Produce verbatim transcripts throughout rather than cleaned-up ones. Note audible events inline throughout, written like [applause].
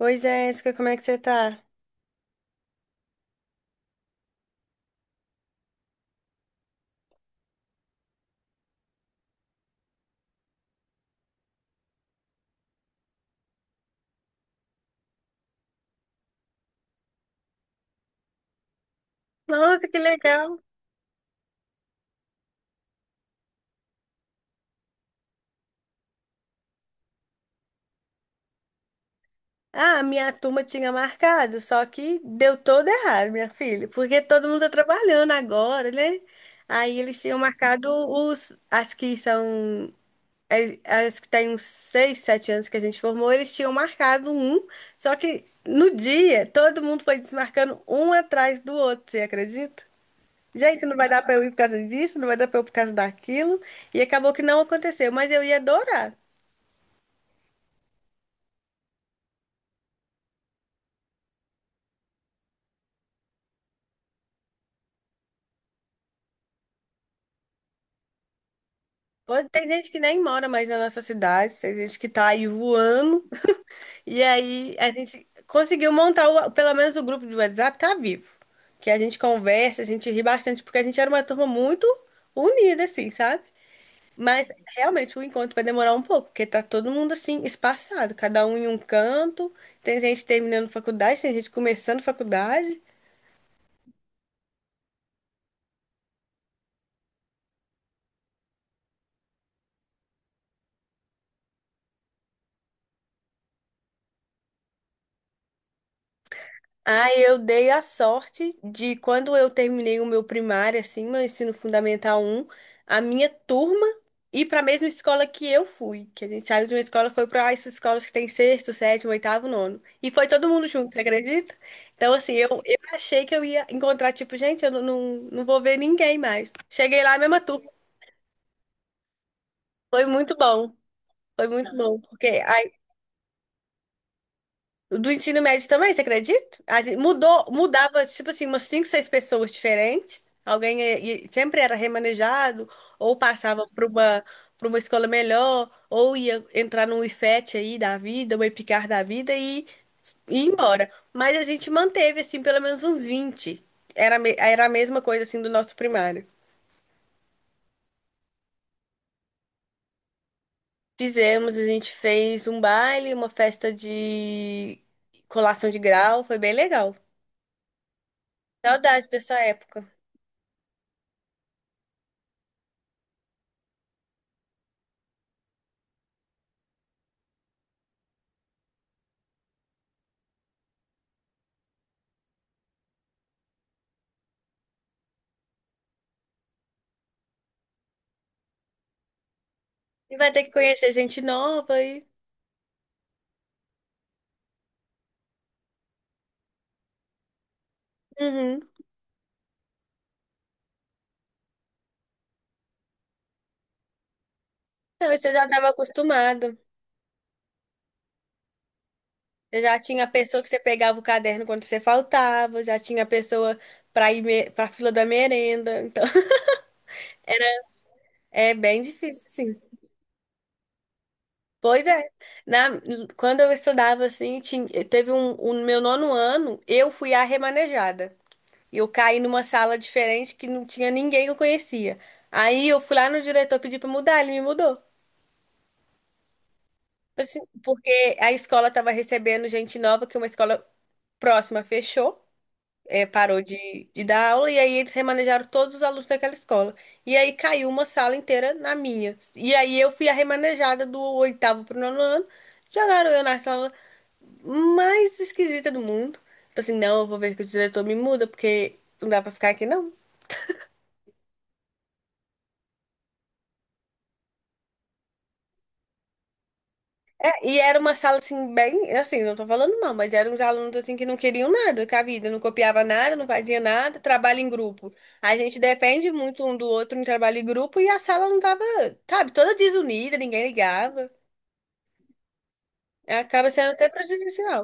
Oi, Jéssica, como é que você tá? Nossa, que legal. Ah, a minha turma tinha marcado, só que deu todo errado, minha filha, porque todo mundo tá trabalhando agora, né? Aí eles tinham marcado os, as que são, as, as que têm uns seis, sete anos que a gente formou, eles tinham marcado um, só que no dia todo mundo foi desmarcando um atrás do outro, você acredita? Gente, não vai dar pra eu ir por causa disso, não vai dar pra eu ir por causa daquilo, e acabou que não aconteceu, mas eu ia adorar. Pode, tem gente que nem mora mais na nossa cidade, tem gente que tá aí voando. [laughs] E aí a gente conseguiu montar o- pelo menos o grupo do WhatsApp tá vivo. Que a gente conversa, a gente ri bastante, porque a gente era uma turma muito unida, assim, sabe? Mas realmente o encontro vai demorar um pouco, porque tá todo mundo assim, espaçado, cada um em um canto. Tem gente terminando faculdade, tem gente começando faculdade. Ah, eu dei a sorte de quando eu terminei o meu primário, assim, meu ensino fundamental um, a minha turma ir para a mesma escola que eu fui. Que a gente saiu de uma escola e foi para essas escolas que tem sexto, sétimo, oitavo, nono. E foi todo mundo junto, você acredita? Então, assim, eu, eu achei que eu ia encontrar, tipo, gente, eu não, não, não vou ver ninguém mais. Cheguei lá, a mesma turma. Foi muito bom. Foi muito bom, porque a do ensino médio também, você acredita? A gente mudou, mudava, tipo assim, umas cinco, seis pessoas diferentes. Alguém ia- ia- sempre era remanejado, ou passava para uma, para uma escola melhor, ou ia entrar num I F E T aí da vida, uma EPICAR da vida e e ir embora. Mas a gente manteve, assim, pelo menos uns vinte era, a me- era a mesma coisa, assim, do nosso primário. Fizemos, a gente fez um baile, uma festa de colação de grau, foi bem legal. Saudade dessa época. E vai ter que conhecer gente nova e. Uhum. Então, você já estava acostumado. Você já tinha a pessoa que você pegava o caderno quando você faltava, já tinha a pessoa para ir me... para fila da merenda. Então, [laughs] é bem difícil, sim. Pois é. Na... Quando eu estudava assim, tinha... teve um... o meu nono ano, eu fui a remanejada. E eu caí numa sala diferente que não tinha ninguém que eu conhecia. Aí eu fui lá no diretor pedir para mudar, ele me mudou. Assim, porque a escola estava recebendo gente nova, que é uma escola próxima fechou, é, parou de, de dar aula, e aí eles remanejaram todos os alunos daquela escola. E aí caiu uma sala inteira na minha. E aí eu fui a remanejada do oitavo pro nono ano, jogaram eu na sala mais esquisita do mundo. Falei assim, não, eu vou ver que o diretor me muda, porque não dá pra ficar aqui, não. E era uma sala assim, bem, assim, não tô falando mal, mas eram uns alunos assim que não queriam nada com a vida, não copiava nada, não fazia nada, trabalho em grupo. A gente depende muito um do outro em trabalho em grupo e a sala não tava, sabe, toda desunida, ninguém ligava. Acaba sendo até prejudicial.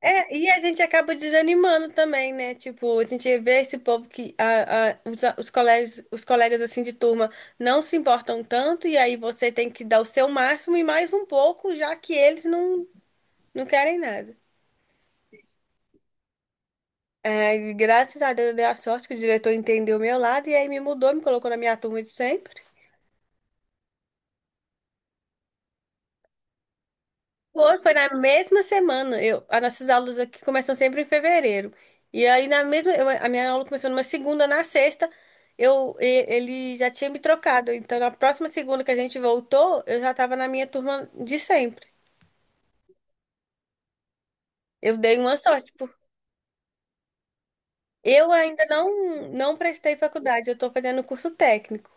É, e a gente acaba desanimando também, né? Tipo, a gente vê esse povo que a, a- os, os colegas, os colegas assim de turma não se importam tanto, e aí você tem que dar o seu máximo e mais um pouco, já que eles não, não querem nada. É, graças a Deus eu dei a sorte que o diretor entendeu o meu lado e aí me mudou, me colocou na minha turma de sempre. Foi, foi na mesma semana. Eu, as nossas aulas aqui começam sempre em fevereiro. E aí na mesma, eu- a minha aula começou numa segunda, na sexta, eu, e- ele já tinha me trocado. Então na próxima segunda que a gente voltou, eu já estava na minha turma de sempre. Eu dei uma sorte. por- Eu ainda não, não prestei faculdade, eu estou fazendo curso técnico.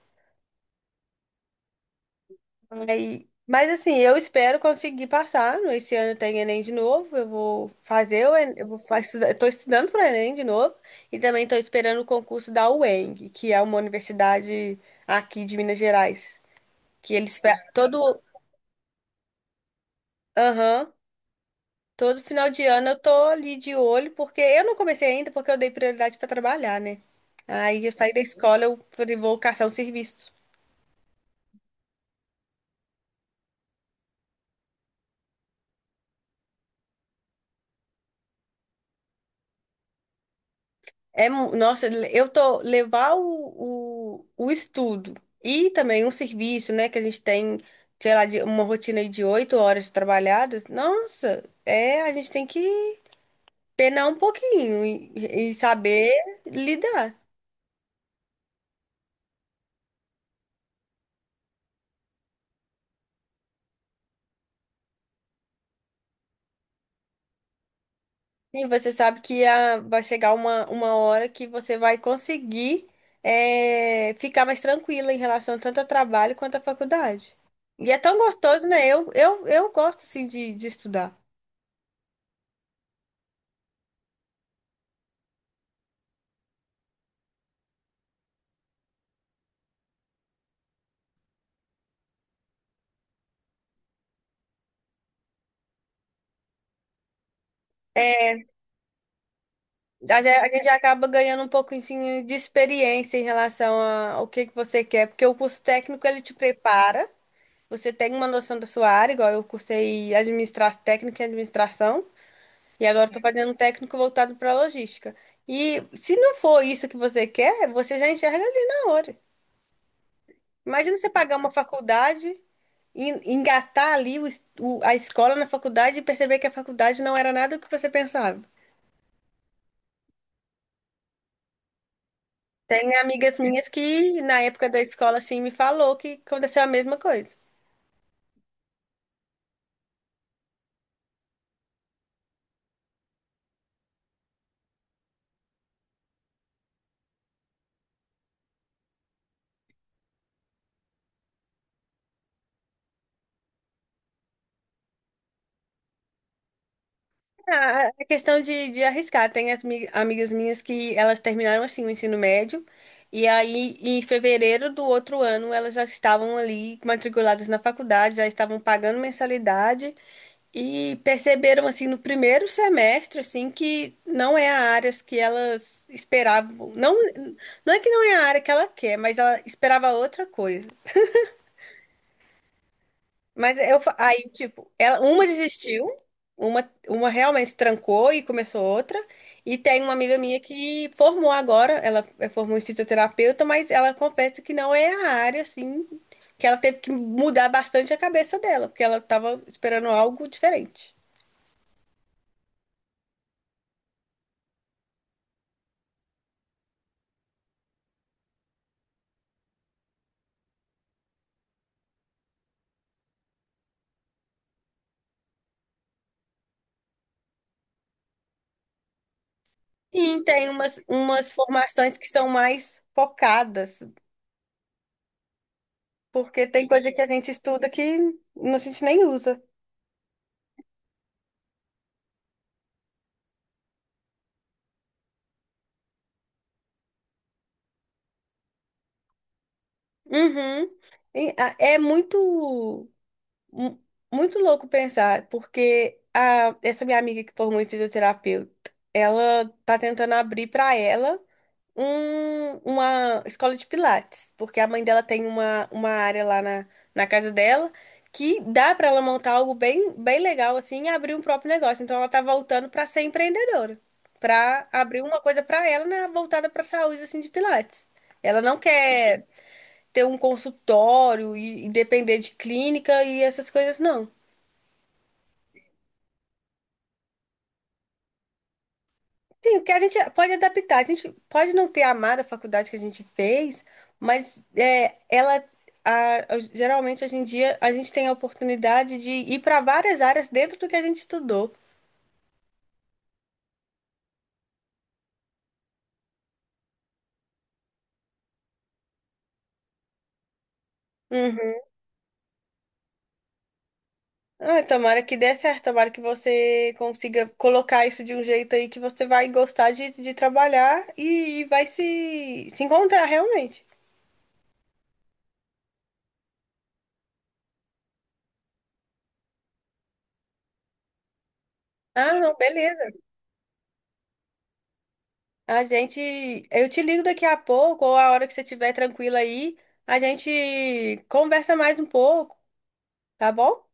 Aí, mas assim, eu espero conseguir passar. no- Esse ano tem Enem de novo. Eu vou fazer o Enem, eu vou fa- estudar, estou estudando para o Enem de novo e também estou esperando o concurso da U E N G, que é uma universidade aqui de Minas Gerais, que eles fe- todo, aham, todo final de ano eu tô ali de olho, porque eu não comecei ainda porque eu dei prioridade para trabalhar, né? Aí eu saí da escola, eu falei, vou caçar um serviço. É, mu- nossa, eu tô levar o, o, o estudo e também um serviço, né, que a gente tem, sei lá, de uma rotina aí de oito horas trabalhadas. Nossa, é, a gente tem que penar um pouquinho e, e saber lidar. E você sabe que a, vai chegar uma, uma hora que você vai conseguir é, ficar mais tranquila em relação tanto ao trabalho quanto à faculdade. E é tão gostoso, né? Eu, eu, eu gosto, assim, de, de estudar. É, A ge- a gente acaba ganhando um pouco assim, de experiência em relação a- ao que que você quer, porque o curso técnico ele te prepara, você tem uma noção da sua área, igual eu cursei administração técnica e administração, e agora estou fazendo um técnico voltado para logística. E se não for isso que você quer, você já enxerga ali na hora. Imagina você pagar uma faculdade, en- engatar ali o es- o- a escola na faculdade e perceber que a faculdade não era nada do que você pensava. Tem amigas minhas que, na época da escola, assim, me falou que aconteceu a mesma coisa. Ah, é questão de, de arriscar. Tem as mi- amigas minhas que elas terminaram, assim, o ensino médio, e aí, em fevereiro do outro ano, elas já estavam ali matriculadas na faculdade, já estavam pagando mensalidade, e perceberam, assim, no primeiro semestre, assim, que não é a área que elas esperavam. Não, não é que não é a área que ela quer, mas ela esperava outra coisa. Mas eu, fa- aí, tipo, ela, uma desistiu, uma, uma realmente trancou e começou outra. E tem uma amiga minha que formou agora, ela é- formou em fisioterapeuta, mas ela confessa que não é a área, assim, que ela teve que mudar bastante a cabeça dela, porque ela estava esperando algo diferente. E tem umas, umas formações que são mais focadas, porque tem coisa que a gente estuda que a gente nem usa. Uhum. E, a- é muito. Mu- Muito louco pensar, porque a, essa minha amiga que formou em fisioterapeuta, ela tá tentando abrir para ela um, uma escola de pilates, porque a mãe dela tem uma, uma área lá na, na casa dela que dá para ela montar algo bem, bem legal assim e abrir um próprio negócio. Então ela tá voltando para ser empreendedora, para abrir uma coisa para ela, né, voltada para saúde assim de pilates. Ela não quer ter um consultório e, e depender de clínica e essas coisas, não. Sim, porque a gente pode adaptar. A gente pode não ter amado a faculdade que a gente fez, mas é, ela a- a- geralmente hoje em dia a gente tem a oportunidade de ir para várias áreas dentro do que a gente estudou. Uhum. Ah, tomara que dê certo, tomara que você consiga colocar isso de um jeito aí que você vai gostar de, de trabalhar e, vai se, se encontrar realmente. Ah, não, beleza. A gente, eu te ligo daqui a pouco, ou a hora que você estiver tranquila aí, a gente conversa mais um pouco, tá bom?